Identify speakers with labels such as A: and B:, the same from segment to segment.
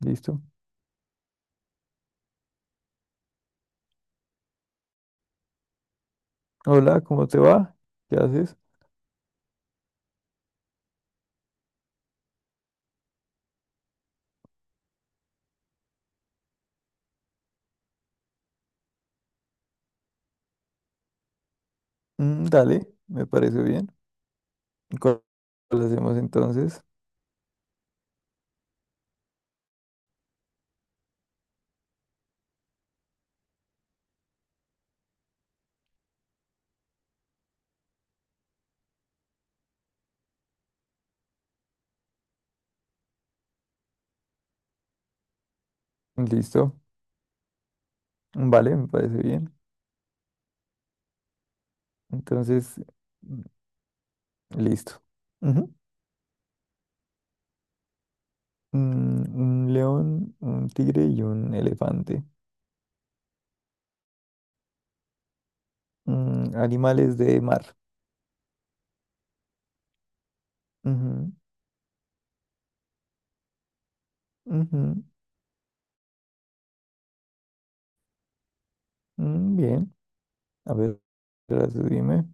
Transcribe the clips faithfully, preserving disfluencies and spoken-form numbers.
A: Listo. Hola, ¿cómo te va? ¿Qué haces? "Mm, dale, me parece bien. ¿Cuál ¿Cuál hacemos entonces? Listo. Vale, me parece bien. Entonces, mm, listo. Ujú. Mm, un león, un tigre y un elefante. Mm, animales de mar. Ujú, ujú, mm, bien. A ver, ahora tú dime.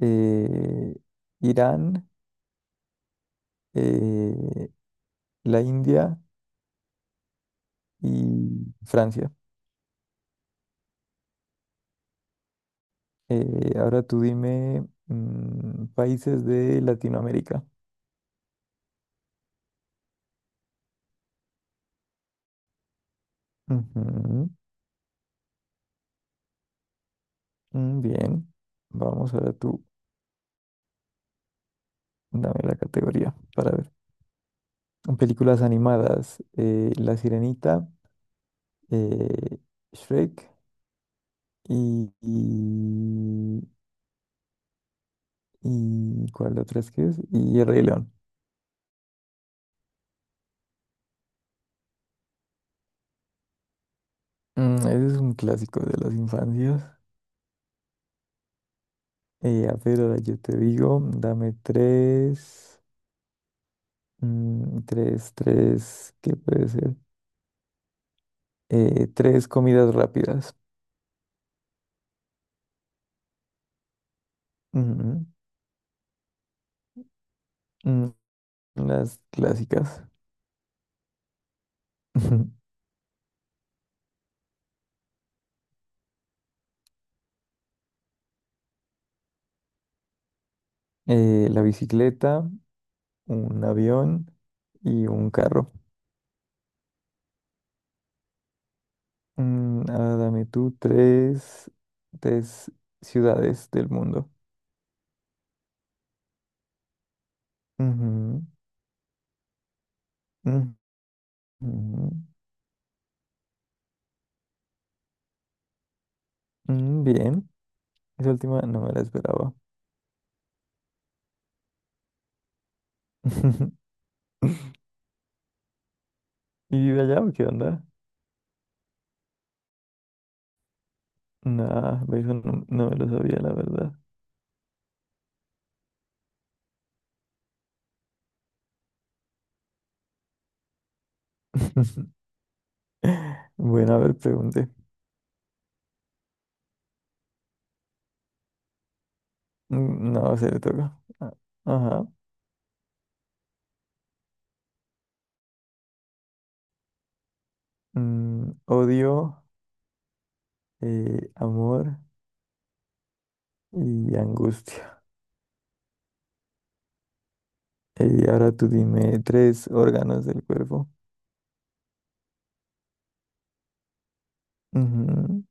A: Eh, Irán, eh, la India y Francia. Eh, ahora tú dime, mm, países de Latinoamérica. Ujú, mm, bien. Vamos, ahora tú dame la categoría para ver. Películas animadas. eh, La Sirenita, eh, Shrek y, y, y ¿cuál otra es que es? Y El Rey León. Mm, ese es un clásico de las infancias. Eh, a ver, ahora yo te digo, dame tres, mm, tres, tres, ¿qué puede ser? Eh, tres comidas rápidas. Ujú. Mm, Las clásicas. Ujú. Eh, la bicicleta, un avión y un carro. Mm, ah, dame tú tres, tres ciudades del mundo. Ujú, ujú, ujú. Mm, bien, esa última no me la esperaba. ¿Y vive allá o qué onda? Nah, eso no, no me lo sabía, la verdad. Bueno, a ver, pregunte. Mm, No, se le toca. Ah, ajá. Mm, odio, eh, amor y angustia. Y ahora tú dime tres órganos del cuerpo. Ujú,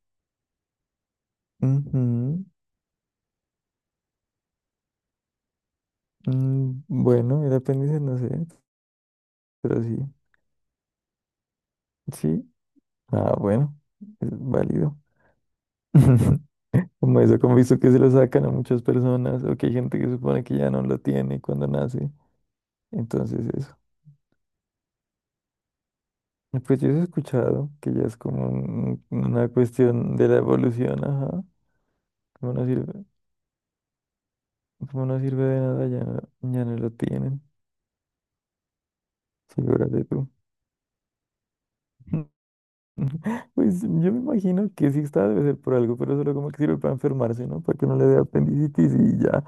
A: ujú, mm, bueno, el apéndice no sé, pero sí. Sí. Ah, bueno, es válido. Como eso, como he visto que se lo sacan a muchas personas o que hay gente que supone que ya no lo tiene cuando nace. Entonces eso. Pues yo sí he escuchado que ya es como un- una cuestión de la evolución, ajá. Como no sirve, como no sirve de nada, ya, no- ya no lo tienen. Figúrate tú. Pues yo me imagino que sí está, debe ser por algo, pero solo como que sirve para enfermarse, ¿no? Para que no le dé apendicitis y ya.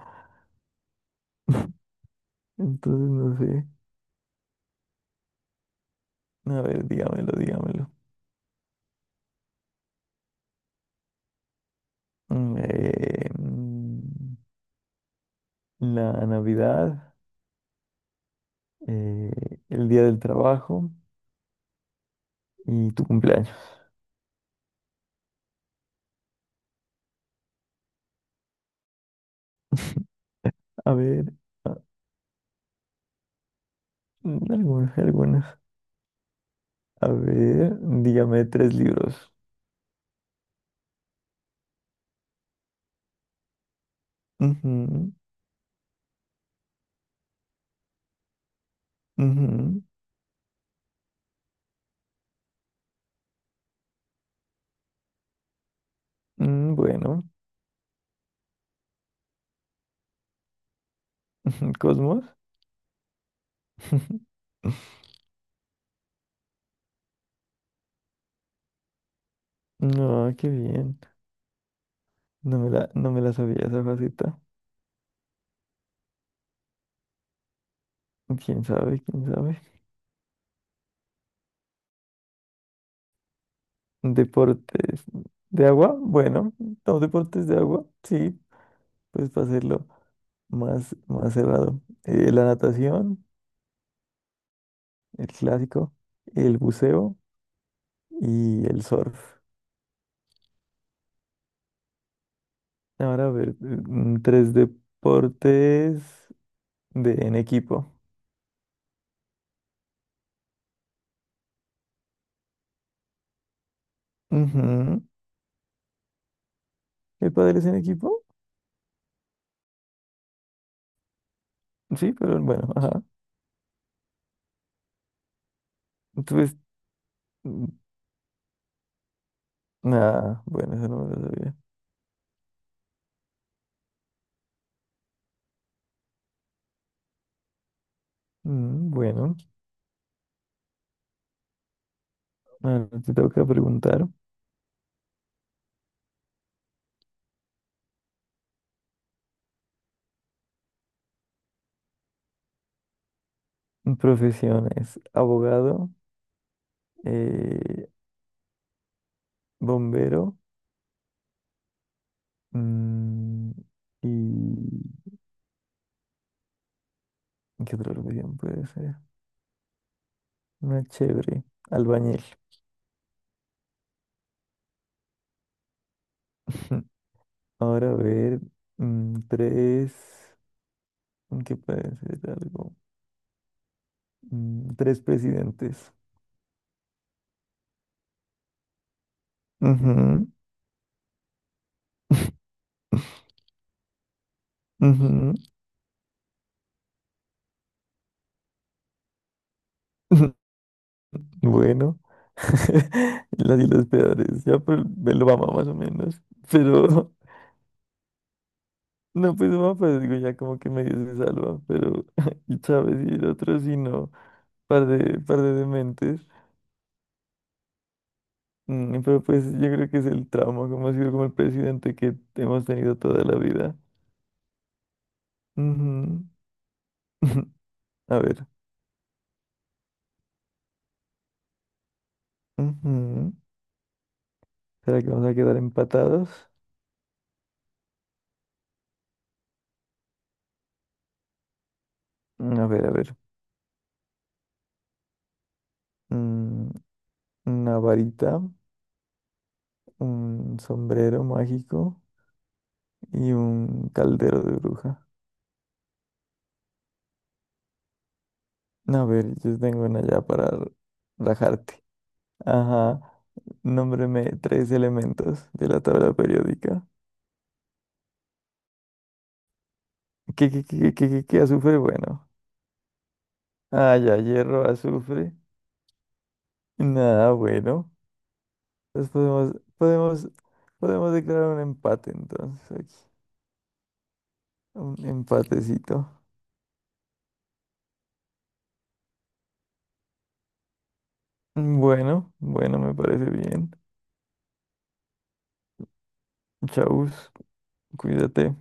A: Entonces no sé. A ver, dígamelo, dígamelo. Mm, eh, mm, la Navidad, eh, el Día del Trabajo y tu cumpleaños. A ver. Mm, Algunas, algunas. A ver, dígame tres libros. Ujú, ujú. Mm, bueno, Cosmos. No, qué bien. No me la, no me la sabía esa faceta. ¿Quién sabe? ¿Quién sabe? Deportes de agua. Bueno, no, deportes de agua. Sí, pues para hacerlo más, más cerrado. Eh, la natación, el clásico, el buceo y el surf. Ahora a ver, mm, tres deportes de en equipo. Ujú. ¿El pádel es en equipo? Sí, pero bueno, ajá. Entonces, mm, ah, bueno, eso no me lo sabía. Mm, Bueno, ahora te toca preguntar. Profesiones, abogado, eh, bombero, mm, y ¿qué otra profesión puede ser? Una chévere, albañil. Ahora a ver, mm, tres. Que puede ser algo. Mm, Tres presidentes. Ujú, ujú. Bueno, las y los peores, ya pues me lo mama más o menos, pero no, pues mamá, pues digo, ya como que medio se salva, pero sabes, y el otro sí no, par de, par de dementes. Mm, pero pues yo creo que es el trauma, como ha sido como el presidente que hemos tenido toda la vida. Ujú. A ver, ujú. ¿Será que vamos a quedar empatados? Mm, A ver, a ver, mm, una varita, un sombrero mágico y un caldero de bruja. No, a ver, yo tengo una ya para r- rajarte. Ajá. Nómbreme tres elementos de la tabla periódica. ¿Qué, qué, qué, qué, qué, qué, qué? ¿Azufre? Bueno. Ah, ya, hierro, azufre. Nada, bueno. Entonces podemos, podemos, podemos declarar un empate entonces aquí. Un empatecito. Bueno, bueno, me parece bien. Chau. Cuídate.